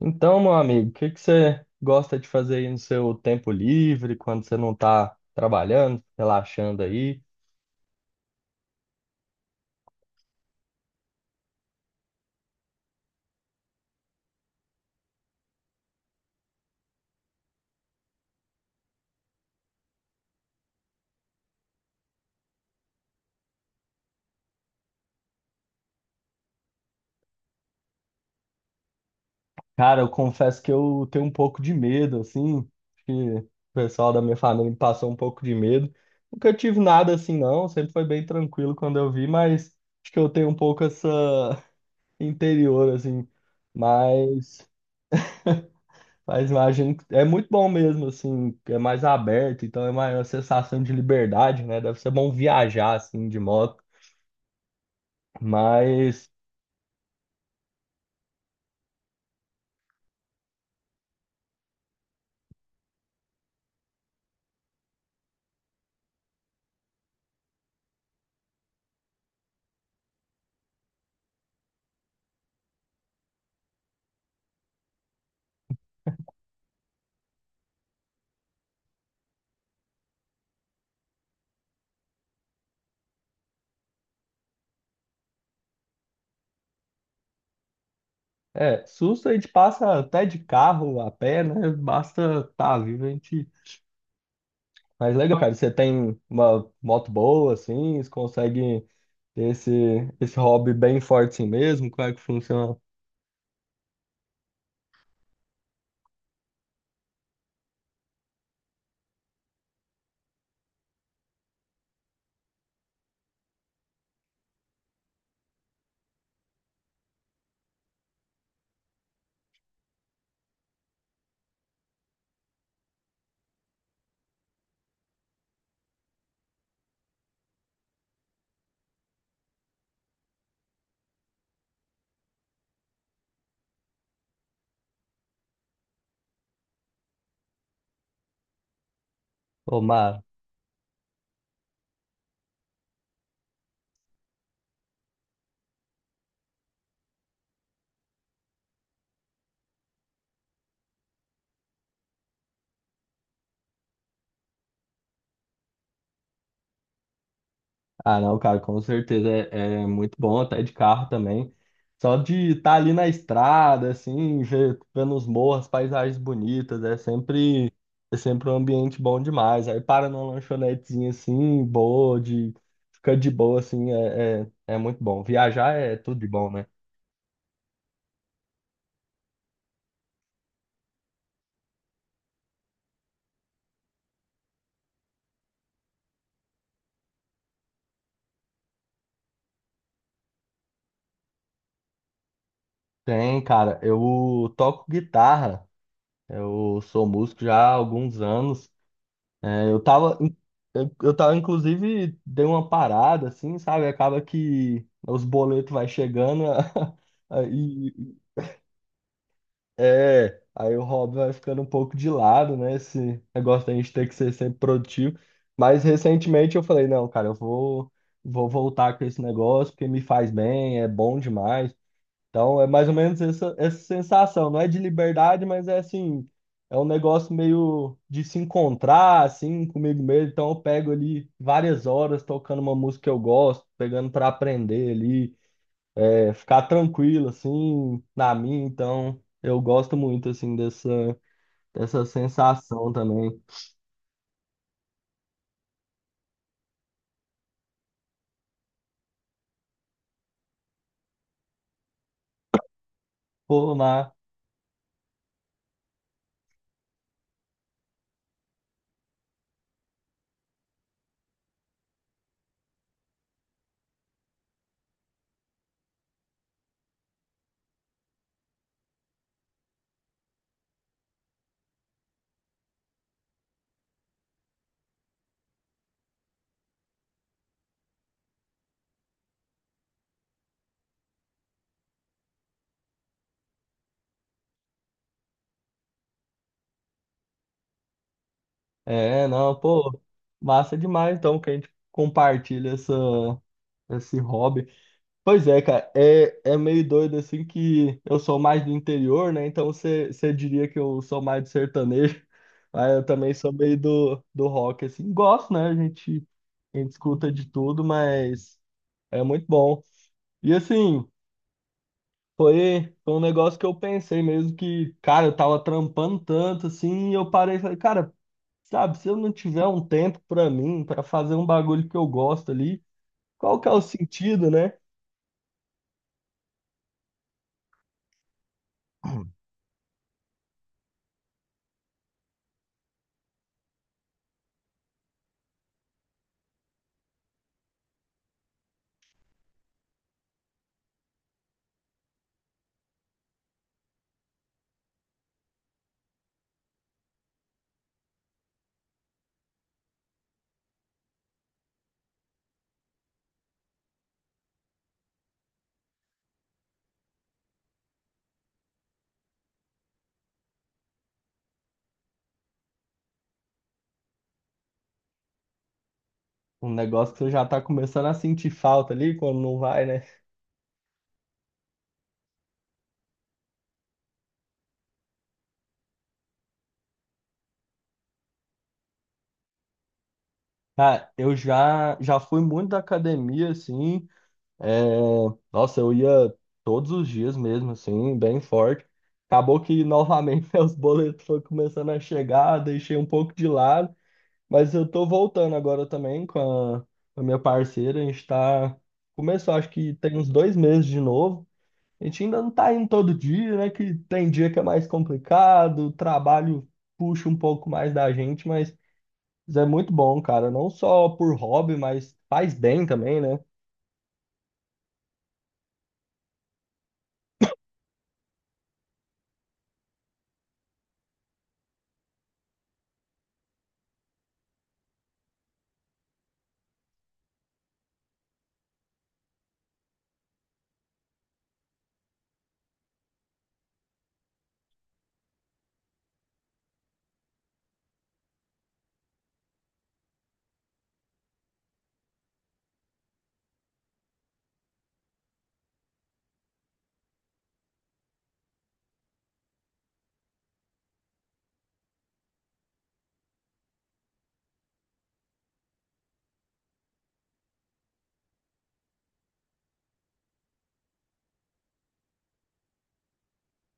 Então, meu amigo, o que você gosta de fazer aí no seu tempo livre, quando você não tá trabalhando, relaxando aí? Cara, eu confesso que eu tenho um pouco de medo, assim, acho que o pessoal da minha família me passou um pouco de medo. Nunca tive nada assim, não, sempre foi bem tranquilo quando eu vi, mas acho que eu tenho um pouco essa interior, assim, mas, mas imagino que é muito bom mesmo, assim, é mais aberto, então é maior a sensação de liberdade, né? Deve ser bom viajar, assim, de moto. Mas, é, susto a gente passa até de carro, a pé, né? Basta tá vivo, a gente... Mas legal, cara, você tem uma moto boa, assim, você consegue ter esse hobby bem forte assim mesmo? Como é que funciona? Ô, Mar? Ah, não, cara, com certeza é muito bom, até de carro também. Só de estar ali na estrada, assim, vendo os morros, paisagens bonitas, é sempre um ambiente bom demais. Aí para numa lanchonetezinha assim, boa, de ficar de boa, assim, é muito bom. Viajar é tudo de bom, né? Tem, cara, eu toco guitarra, eu sou músico já há alguns anos. Eu tava, in- eu tava, inclusive, dei uma parada, assim, sabe? Acaba que os boletos vai chegando aí aí o hobby vai ficando um pouco de lado, né? Esse negócio da gente ter que ser sempre produtivo. Mas recentemente eu falei, não, cara, vou voltar com esse negócio porque me faz bem, é bom demais. Então é mais ou menos essa sensação, não é de liberdade, mas é assim, é um negócio meio de se encontrar assim comigo mesmo. Então eu pego ali várias horas tocando uma música que eu gosto, pegando para aprender ali, é, ficar tranquilo assim na minha. Então eu gosto muito assim dessa dessa sensação também. Pô, mas é, não, pô, massa demais então que a gente compartilha essa esse hobby. Pois é, cara, é meio doido assim que eu sou mais do interior, né? Então você diria que eu sou mais do sertanejo, mas eu também sou meio do rock, assim. Gosto, né? A gente escuta de tudo, mas é muito bom. E assim, foi um negócio que eu pensei mesmo que, cara, eu tava trampando tanto assim, e eu parei e falei, cara, sabe, se eu não tiver um tempo pra mim, pra fazer um bagulho que eu gosto ali, qual que é o sentido, né? Um negócio que você já tá começando a sentir falta ali quando não vai, né? Cara, já fui muito da academia, assim. É, Nossa, eu ia todos os dias mesmo, assim, bem forte. Acabou que novamente meus boletos foram começando a chegar, deixei um pouco de lado. Mas eu tô voltando agora também com a minha parceira. A gente tá. Começou, acho que tem uns dois meses de novo. A gente ainda não tá indo todo dia, né? Que tem dia que é mais complicado, o trabalho puxa um pouco mais da gente, mas isso é muito bom, cara. Não só por hobby, mas faz bem também, né?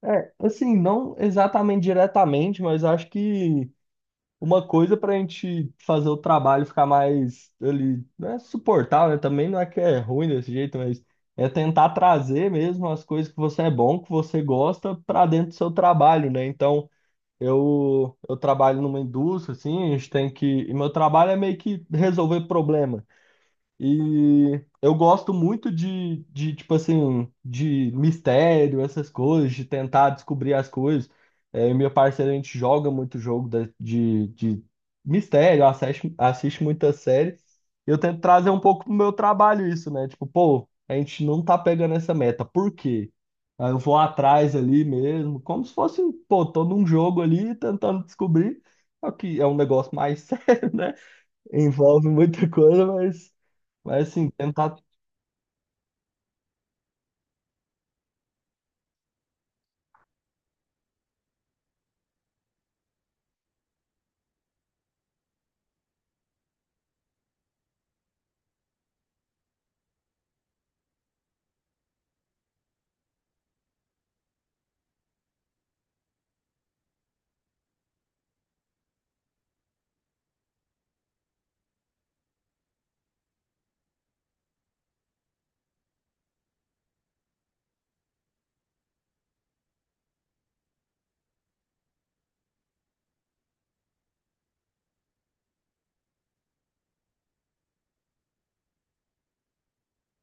É, assim, não exatamente diretamente, mas acho que uma coisa pra gente fazer o trabalho ficar mais ali, não é suportável, né? Também não é que é ruim desse jeito, mas é tentar trazer mesmo as coisas que você é bom, que você gosta, pra dentro do seu trabalho, né? Então eu trabalho numa indústria, assim, a gente tem que. E meu trabalho é meio que resolver problemas. E eu gosto muito tipo assim, de mistério, essas coisas, de tentar descobrir as coisas. É, eu e meu parceiro, a gente joga muito de mistério, assiste muita série. Eu tento trazer um pouco pro meu trabalho isso, né? Tipo, pô, a gente não tá pegando essa meta, por quê? Aí eu vou atrás ali mesmo, como se fosse, pô, tô num jogo ali tentando descobrir. Só que é um negócio mais sério, né? Envolve muita coisa, mas assim, tentar.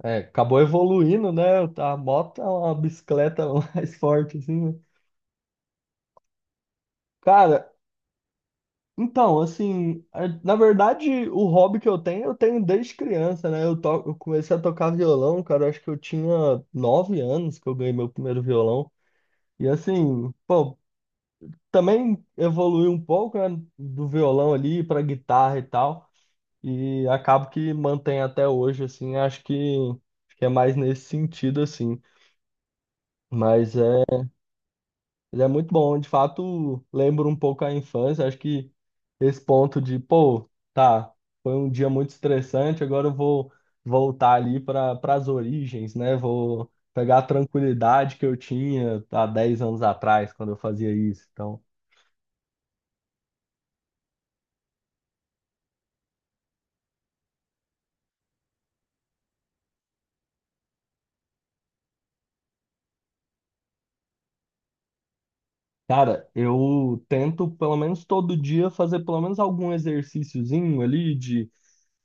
É, acabou evoluindo, né? A moto é uma bicicleta mais forte, assim, né? Cara, então, assim, na verdade, o hobby que eu tenho desde criança, né? Eu comecei a tocar violão, cara, eu acho que eu tinha 9 anos que eu ganhei meu primeiro violão. E assim, pô, também evolui um pouco, né, do violão ali pra guitarra e tal. E acabo que mantém até hoje, assim, acho que é mais nesse sentido, assim. Mas é, ele é muito bom, de fato, lembro um pouco a infância, acho que esse ponto de, pô, tá, foi um dia muito estressante, agora eu vou voltar ali para as origens, né? Vou pegar a tranquilidade que eu tinha há 10 anos atrás, quando eu fazia isso. Então, cara, eu tento pelo menos todo dia fazer pelo menos algum exercíciozinho ali de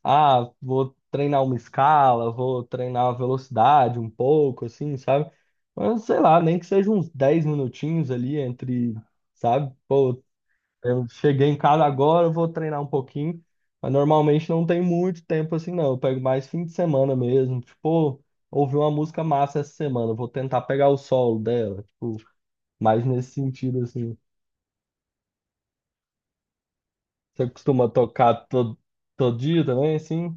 ah, vou treinar uma escala, vou treinar a velocidade um pouco, assim, sabe? Mas sei lá, nem que seja uns 10 minutinhos ali entre, sabe? Pô, eu cheguei em casa agora, eu vou treinar um pouquinho, mas normalmente não tem muito tempo assim, não. Eu pego mais fim de semana mesmo, tipo, pô, ouvi uma música massa essa semana, eu vou tentar pegar o solo dela, tipo, mais nesse sentido, assim. Você costuma tocar todo, todo dia também, assim?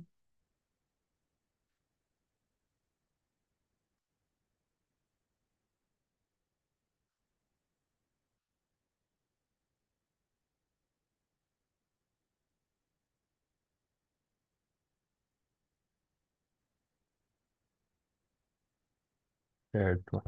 Certo.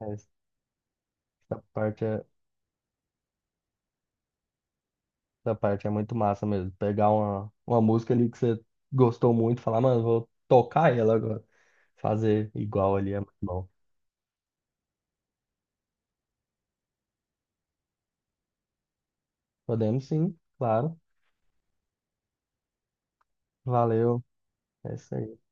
Essa parte é Essa parte é muito massa mesmo. Pegar uma música ali que você gostou muito, falar, mano, vou tocar ela agora. Fazer igual ali é muito bom. Podemos sim, claro. Valeu. É isso aí.